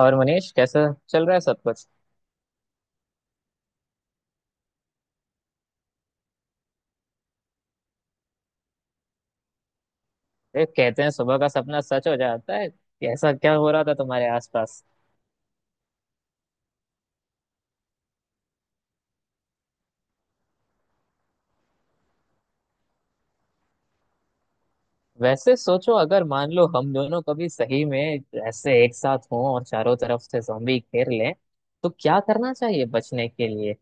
और मनीष कैसा चल रहा है सब कुछ। देख, कहते हैं सुबह का सपना सच हो जाता है। ऐसा क्या हो रहा था तुम्हारे आसपास? वैसे सोचो अगर मान लो हम दोनों कभी सही में ऐसे एक साथ हों और चारों तरफ से ज़ॉम्बी घेर लें, तो क्या करना चाहिए बचने के लिए?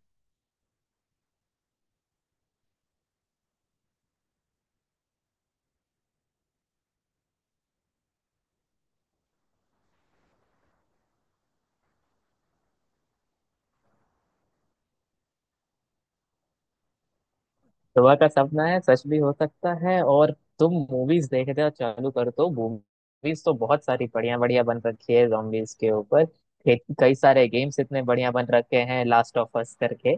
सुबह का सपना है, सच भी हो सकता है। और तुम मूवीज देखते हो, चालू कर दो। मूवीज तो बहुत सारी बढ़िया बढ़िया बन रखी है zombies के ऊपर, कई सारे गेम्स इतने बढ़िया बन रखे हैं लास्ट ऑफ अस करके।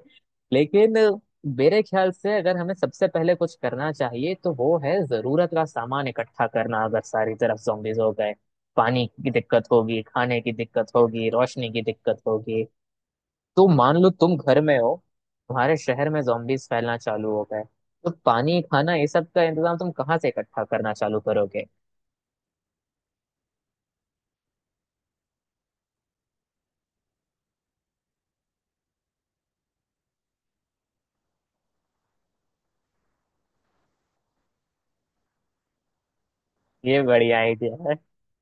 लेकिन मेरे ख्याल से अगर हमें सबसे पहले कुछ करना चाहिए तो वो है जरूरत का सामान इकट्ठा करना। अगर सारी तरफ zombies हो गए, पानी की दिक्कत होगी, खाने की दिक्कत होगी, रोशनी की दिक्कत होगी। तो मान लो तुम घर में हो, तुम्हारे शहर में zombies फैलना चालू हो गए, तो पानी खाना ये सब का इंतजाम तुम कहाँ से इकट्ठा करना चालू करोगे? ये बढ़िया आइडिया है।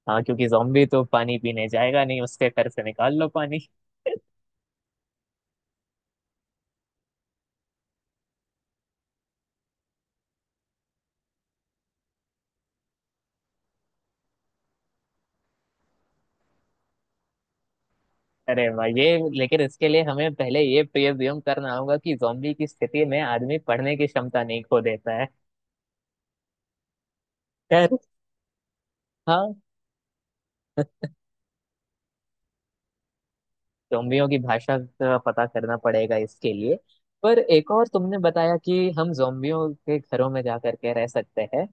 हाँ, क्योंकि zombie तो पानी पीने जाएगा नहीं, उसके घर से निकाल लो पानी अरे भाई ये, लेकिन इसके लिए हमें पहले ये प्रिज्यूम करना होगा कि zombie की स्थिति में आदमी पढ़ने की क्षमता नहीं खो देता है। खैर, हाँ, जोम्बियों की भाषा का पता करना पड़ेगा इसके लिए। पर एक और तुमने बताया कि हम जोम्बियों के घरों में जा करके रह सकते हैं।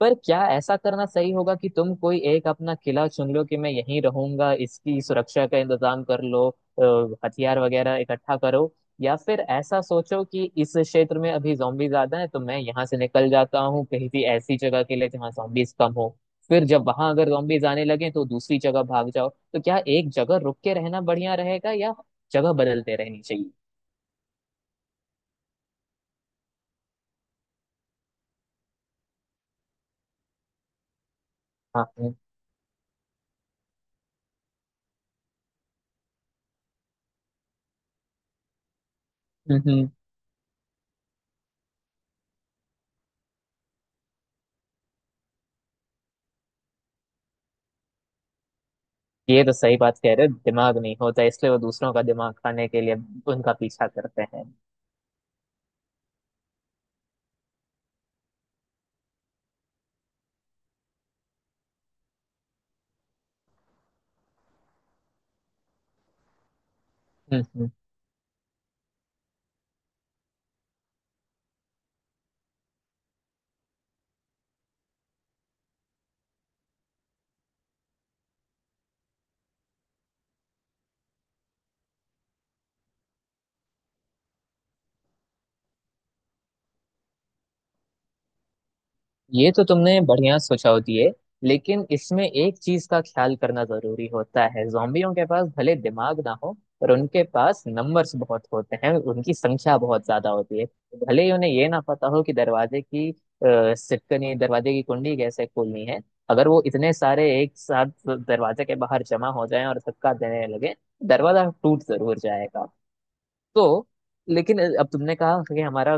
पर क्या ऐसा करना सही होगा कि तुम कोई एक अपना किला चुन लो कि मैं यहीं रहूंगा, इसकी सुरक्षा का इंतजाम कर लो, हथियार वगैरह इकट्ठा करो। या फिर ऐसा सोचो कि इस क्षेत्र में अभी जॉम्बी ज्यादा है तो मैं यहाँ से निकल जाता हूँ कहीं भी ऐसी जगह के लिए जहाँ जॉम्बीज कम हो। फिर जब वहां अगर zombies आने लगे तो दूसरी जगह भाग जाओ। तो क्या एक जगह रुक के रहना बढ़िया रहेगा या जगह बदलते रहनी चाहिए? हाँ। हम्म। ये तो सही बात कह रहे हो, दिमाग नहीं होता इसलिए वो दूसरों का दिमाग खाने के लिए उनका पीछा करते हैं। हम्म। ये तो तुमने बढ़िया सोचा होती है। लेकिन इसमें एक चीज का ख्याल करना जरूरी होता है, जोम्बियों के पास भले दिमाग ना हो, पर उनके पास नंबर्स बहुत होते हैं, उनकी संख्या बहुत ज्यादा होती है। भले ही उन्हें ये ना पता हो कि दरवाजे की सिटकनी दरवाजे की कुंडी कैसे खोलनी है, अगर वो इतने सारे एक साथ दरवाजे के बाहर जमा हो जाएं और धक्का देने लगे, दरवाजा टूट जरूर जाएगा। तो लेकिन अब तुमने कहा कि हमारा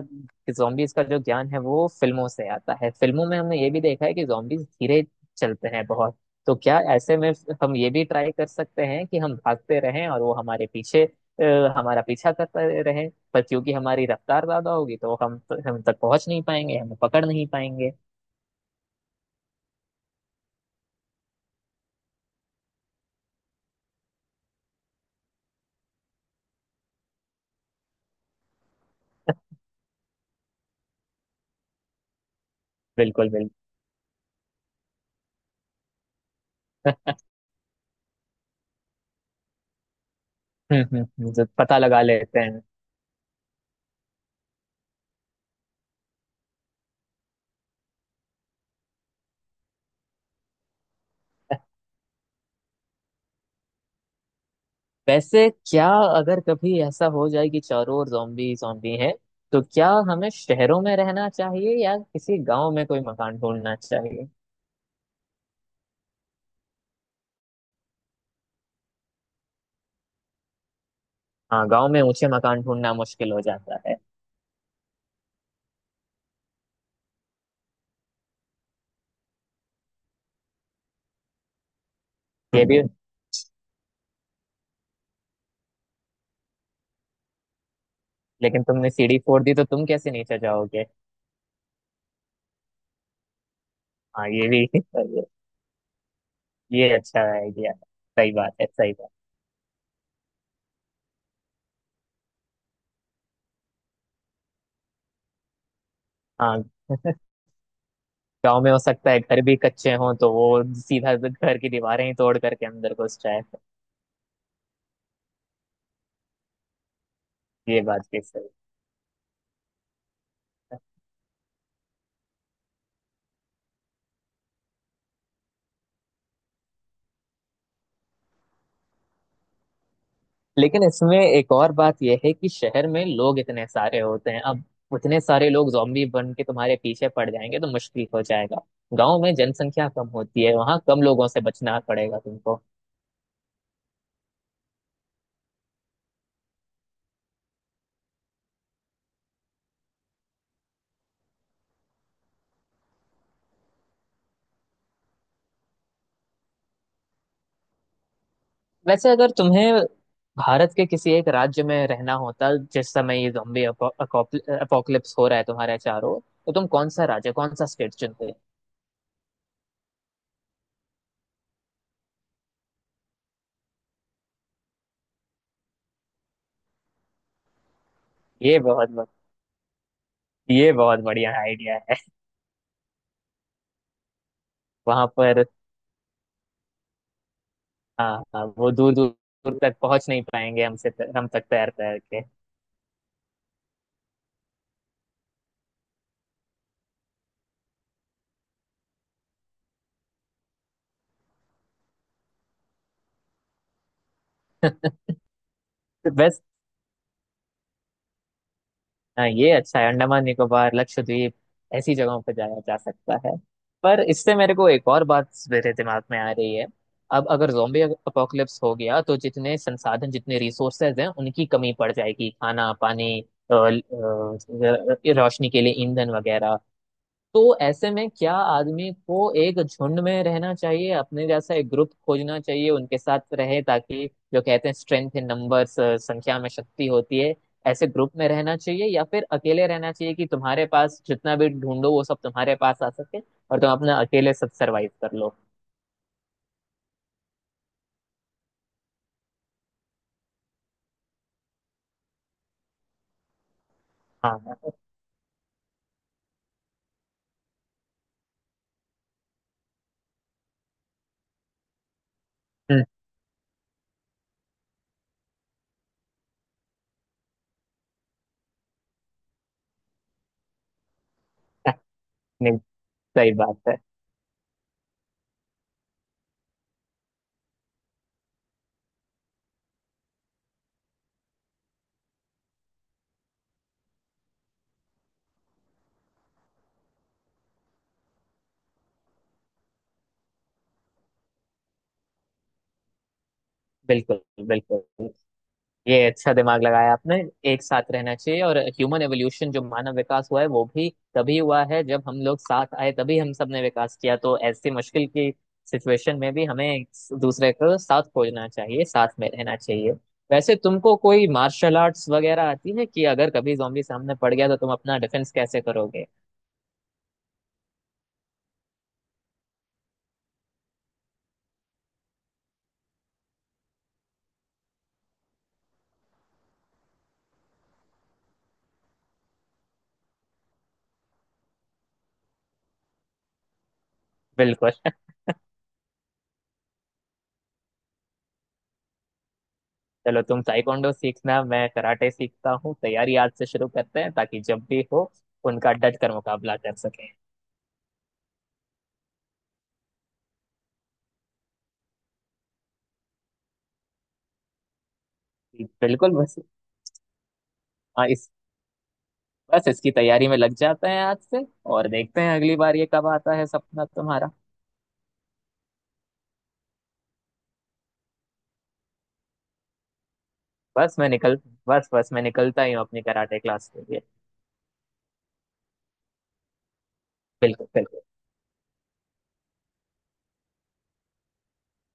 जॉम्बीज का जो ज्ञान है वो फिल्मों से आता है। फिल्मों में हमने ये भी देखा है कि जॉम्बीज धीरे चलते हैं बहुत। तो क्या ऐसे में हम ये भी ट्राई कर सकते हैं कि हम भागते रहें और वो हमारे पीछे, हमारा पीछा करते रहें। पर क्योंकि हमारी रफ्तार ज्यादा होगी तो हम तक पहुंच नहीं पाएंगे, हमें पकड़ नहीं पाएंगे। बिल्कुल बिल्कुल। पता लगा लेते हैं। वैसे क्या अगर कभी ऐसा हो जाए कि चारों ओर zombie zombie हैं, तो क्या हमें शहरों में रहना चाहिए या किसी गांव में कोई मकान ढूंढना चाहिए? हाँ, गांव में ऊंचे मकान ढूंढना मुश्किल हो जाता है। ये भी। लेकिन तुमने सीढ़ी फोड़ दी तो तुम कैसे नीचे जाओगे? हाँ, ये भी ये अच्छा आइडिया। सही बात है, सही बात। हाँ, गांव में हो सकता है घर भी कच्चे हों तो वो सीधा घर की दीवारें ही तोड़ करके अंदर घुस जाए। ये बात भी सही। लेकिन इसमें एक और बात यह है कि शहर में लोग इतने सारे होते हैं, अब उतने सारे लोग जॉम्बी बन के तुम्हारे पीछे पड़ जाएंगे तो मुश्किल हो जाएगा। गांव में जनसंख्या कम होती है, वहां कम लोगों से बचना पड़ेगा तुमको। वैसे अगर तुम्हें भारत के किसी एक राज्य में रहना होता जिस समय ये जॉम्बी अपोकलिप्स हो रहा है तुम्हारे चारों, तो तुम कौन सा राज्य कौन सा स्टेट चुनते? ये बहुत ब- ये बहुत बढ़िया आइडिया है। वहां पर हाँ हाँ, वो दूर दूर दूर तक पहुंच नहीं पाएंगे हमसे, हम तक तैर तैर के बस, हाँ, ये अच्छा है। अंडमान निकोबार, लक्षद्वीप, ऐसी जगहों पर जाया जा सकता है। पर इससे मेरे को एक और बात मेरे दिमाग में आ रही है। अब अगर जोम्बी अपोकलिप्स हो गया तो जितने संसाधन जितने रिसोर्सेज हैं उनकी कमी पड़ जाएगी। खाना, पानी, अ, अ, रोशनी के लिए ईंधन वगैरह। तो ऐसे में क्या आदमी को एक झुंड में रहना चाहिए, अपने जैसा एक ग्रुप खोजना चाहिए उनके साथ रहे, ताकि जो कहते हैं स्ट्रेंथ इन नंबर्स, संख्या में शक्ति होती है। ऐसे ग्रुप में रहना चाहिए, या फिर अकेले रहना चाहिए कि तुम्हारे पास जितना भी ढूंढो वो सब तुम्हारे पास आ सके और तुम अपना अकेले सब सरवाइव कर लो? हाँ हाँ। हम्म, नहीं, सही बात है। बिल्कुल बिल्कुल। ये अच्छा दिमाग लगाया आपने। एक साथ रहना चाहिए, और ह्यूमन एवोल्यूशन जो मानव विकास हुआ है वो भी तभी हुआ है जब हम लोग साथ आए, तभी हम सबने विकास किया। तो ऐसी मुश्किल की सिचुएशन में भी हमें एक दूसरे को साथ खोजना चाहिए, साथ में रहना चाहिए। वैसे तुमको कोई मार्शल आर्ट्स वगैरह आती है कि अगर कभी जॉम्बी सामने पड़ गया तो तुम अपना डिफेंस कैसे करोगे? बिल्कुल चलो, तुम ताइक्वांडो सीखना, मैं कराटे सीखता हूँ। तैयारी आज से शुरू करते हैं ताकि जब भी हो उनका डट कर मुकाबला कर सके। बिल्कुल। बस हाँ, इस, बस इसकी तैयारी में लग जाते हैं आज से। और देखते हैं अगली बार ये कब आता है सपना तुम्हारा। बस मैं निकल बस मैं निकलता ही हूँ अपनी कराटे क्लास के लिए। बिल्कुल बिल्कुल।